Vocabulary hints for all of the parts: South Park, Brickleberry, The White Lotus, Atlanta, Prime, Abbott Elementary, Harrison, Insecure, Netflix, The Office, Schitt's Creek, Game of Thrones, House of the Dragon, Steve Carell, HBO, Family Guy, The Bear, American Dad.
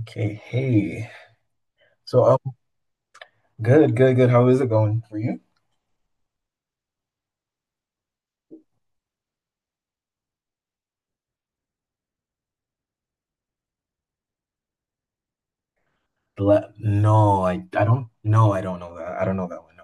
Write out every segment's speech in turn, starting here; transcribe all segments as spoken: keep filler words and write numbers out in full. Okay, hey. So, um, Good, good, good. How is it going for you? Bla- no, I, I don't. No, I don't know that. I don't know that one. No.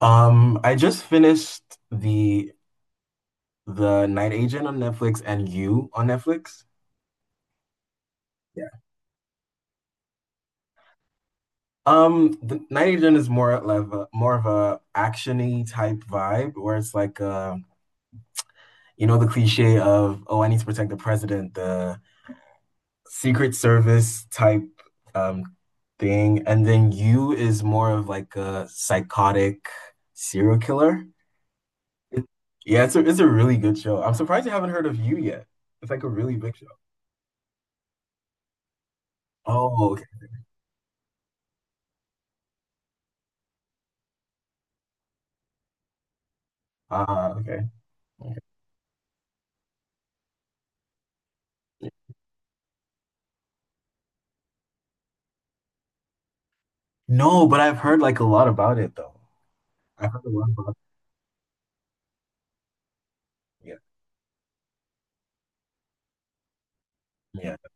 Um, I just finished the the Night Agent on Netflix and You on Netflix. Yeah. Um, the Night Agent is more of a, more of a actiony type vibe, where it's like, uh, you know, the cliche of, oh, I need to protect the president, the Secret Service type um thing, and then You is more of like a psychotic serial killer. It, yeah, it's a it's a really good show. I'm surprised you haven't heard of You yet. It's like a really big show. Oh, okay. Ah, okay. Okay. No, but I've heard like a lot about it though. I've heard a lot about it. Yeah. Yeah.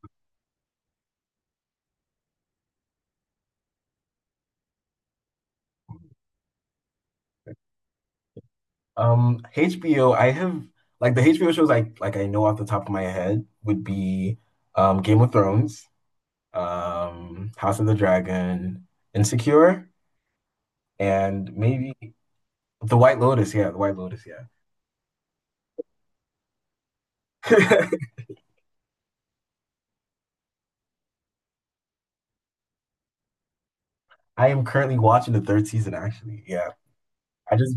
Um, H B O, I have like the H B O shows I like I know off the top of my head would be um Game of Thrones, um, House of the Dragon, Insecure, and maybe The White Lotus. Yeah, The White Lotus. Yeah. I am currently watching the third season, actually. Yeah. I just,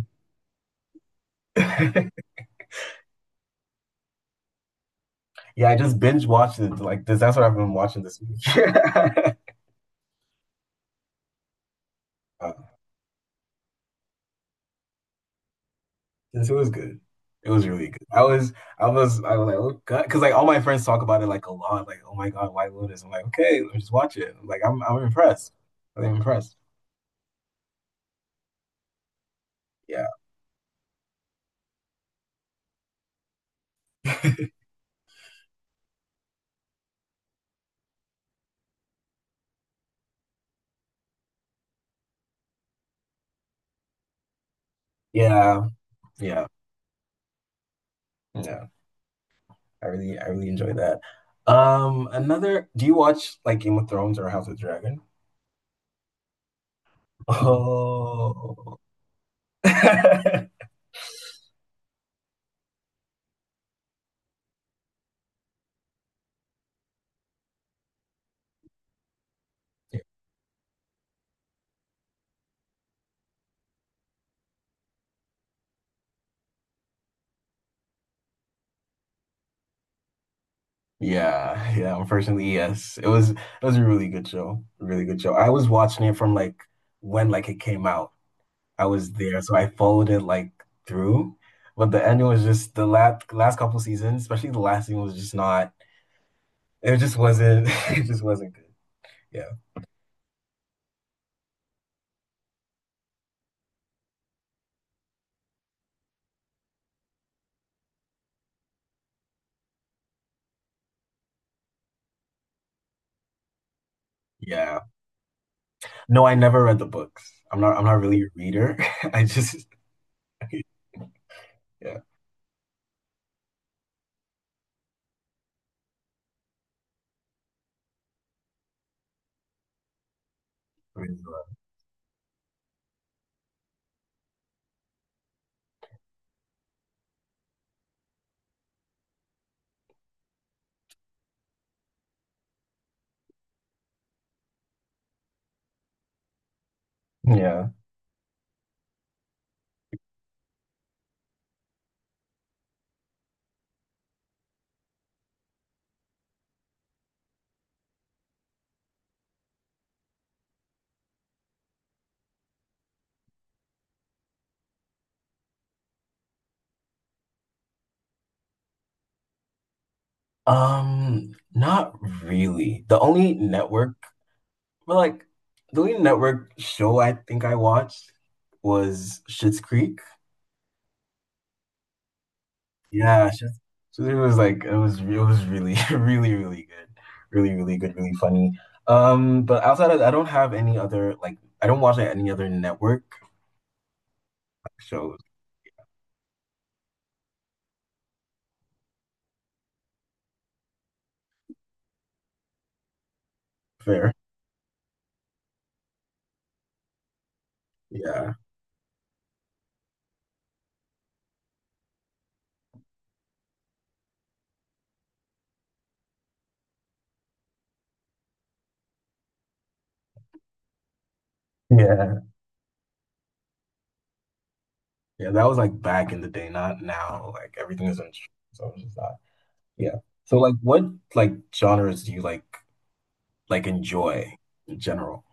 yeah, I just binge watched it. Like, this, that's what I've been watching this week. Uh, Since it was good. It was really good. I was, I was, I was like, oh god, because like all my friends talk about it like a lot. Like, oh my god, White Lotus. I'm like, okay, let me just watch it. Like, I'm, I'm impressed. I'm impressed. Yeah, yeah, yeah, yeah. I really, I really enjoy that. Um, another, do you watch like Game of Thrones or House of Dragon? Oh. Yeah, yeah, unfortunately, yes. It was it was a really good show. A really good show. I was watching it from like when like it came out. I was there, so I followed it like through. But the ending was just the last last couple seasons, especially the last season was just not, it just wasn't it just wasn't good. Yeah. Yeah. No, I never read the books. I'm not I'm not really a reader. I just. Yeah. I mean, uh, yeah. Um, not really. The only network, but like the only network show I think I watched was Schitt's Creek. Yeah, Schitt's, Schitt's Creek was like it was it was really really really good, really really good, really funny. Um, but outside of that, I don't have any other like, I don't watch like any other network shows. Fair. Yeah. Yeah. Yeah. That was like back in the day, not now. Like everything is on. So it's just not. Yeah. So like what like genres do you like like enjoy in general?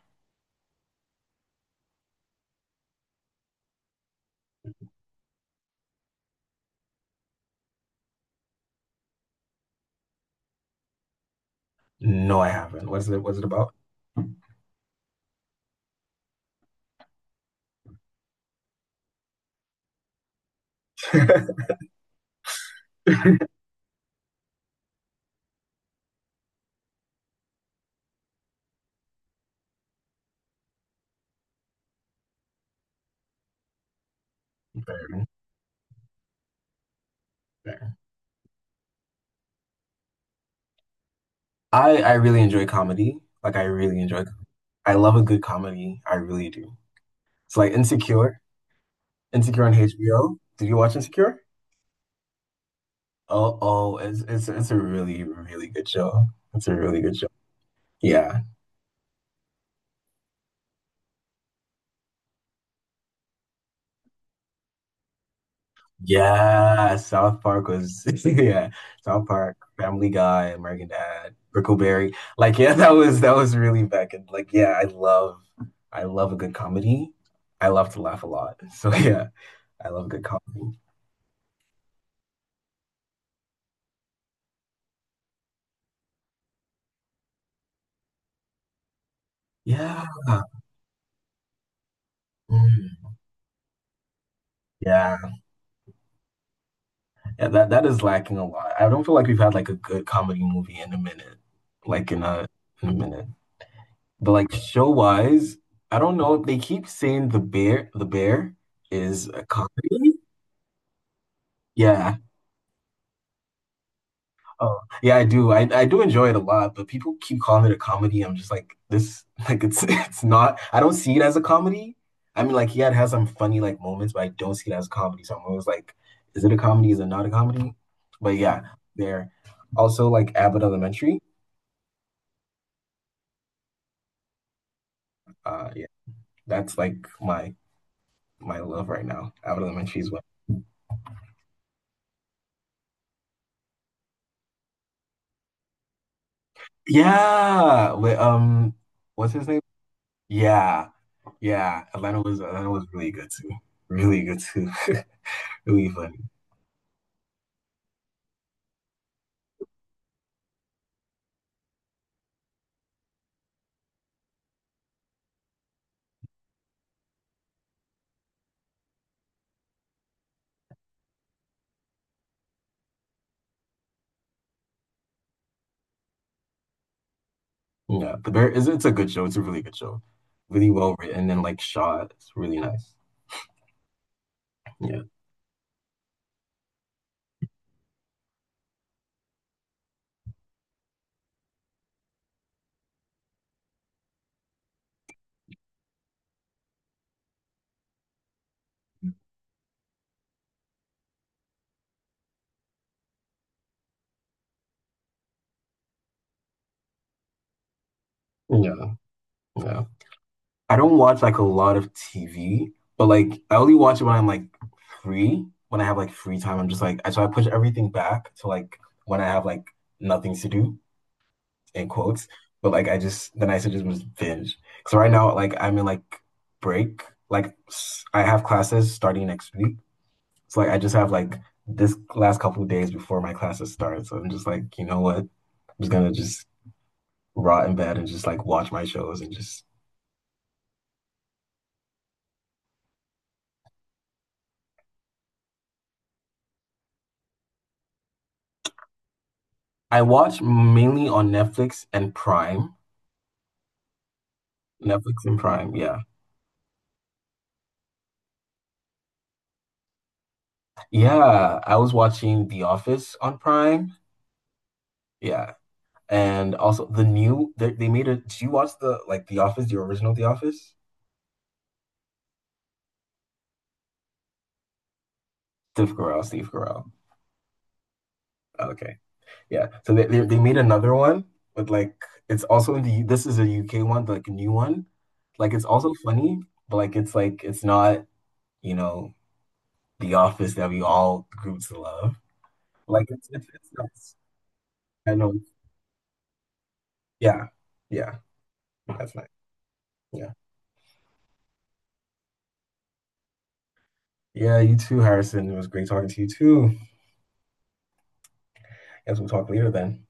No, I haven't. What's it, what's it about? Fair, fair. I I really enjoy comedy. Like I really enjoy com- I love a good comedy. I really do. It's like Insecure. Insecure on H B O. Did you watch Insecure? Oh, oh, it's it's it's a really, really good show. It's a really good show. Yeah. Yeah, South Park was yeah, South Park, Family Guy, American Dad, Brickleberry. Like yeah, that was that was really back in like yeah, I love. I love a good comedy. I love to laugh a lot. So yeah, I love good comedy. Yeah. Mm, yeah. Yeah, that that is lacking a lot. I don't feel like we've had like a good comedy movie in a minute. Like in a in a minute. But like show wise, I don't know. They keep saying The Bear. The Bear is a comedy. Yeah. Oh, yeah, I do. I, I do enjoy it a lot, but people keep calling it a comedy. I'm just like this, like it's it's not. I don't see it as a comedy. I mean, like yeah, it has some funny like moments, but I don't see it as a comedy. So I'm always like, is it a comedy? Is it not a comedy? But yeah, there. Also like Abbott Elementary. Uh, yeah, that's like my my love right now. Abbott Elementary is what. Yeah, with um, what's his name? Yeah, yeah. Atlanta was Atlanta was really good too. Really good too. Really funny. Yeah, but there is, it's a good show. It's a really good show. Really well written and like shot. It's really nice. Yeah. Yeah. Yeah. I don't watch like a lot of T V, but like I only watch it when I'm like free. When I have like free time, I'm just like, I so I push everything back to like when I have like nothing to do in quotes. But like I just then I should just was binge. So right now like I'm in like break. Like s- I have classes starting next week. So like I just have like this last couple of days before my classes start. So I'm just like, you know what? I'm just gonna Just rot in bed and just like watch my shows and just. I watch mainly on Netflix and Prime. Netflix and Prime, yeah. Yeah, I was watching The Office on Prime. Yeah. And also the new they, they made a, do you watch the like The Office, the original The Office? Steve Carell, Steve Carell. Okay. Yeah. So they, they they made another one with like, it's also in the U- this is a U K one, like a new one. Like it's also funny, but like it's like it's not, you know, The Office that we all grew to love. Like it's it's, it's nuts. I know. Yeah. Yeah. That's nice. Yeah. Yeah, you too, Harrison. It was great talking to you too. Guess we'll talk later then.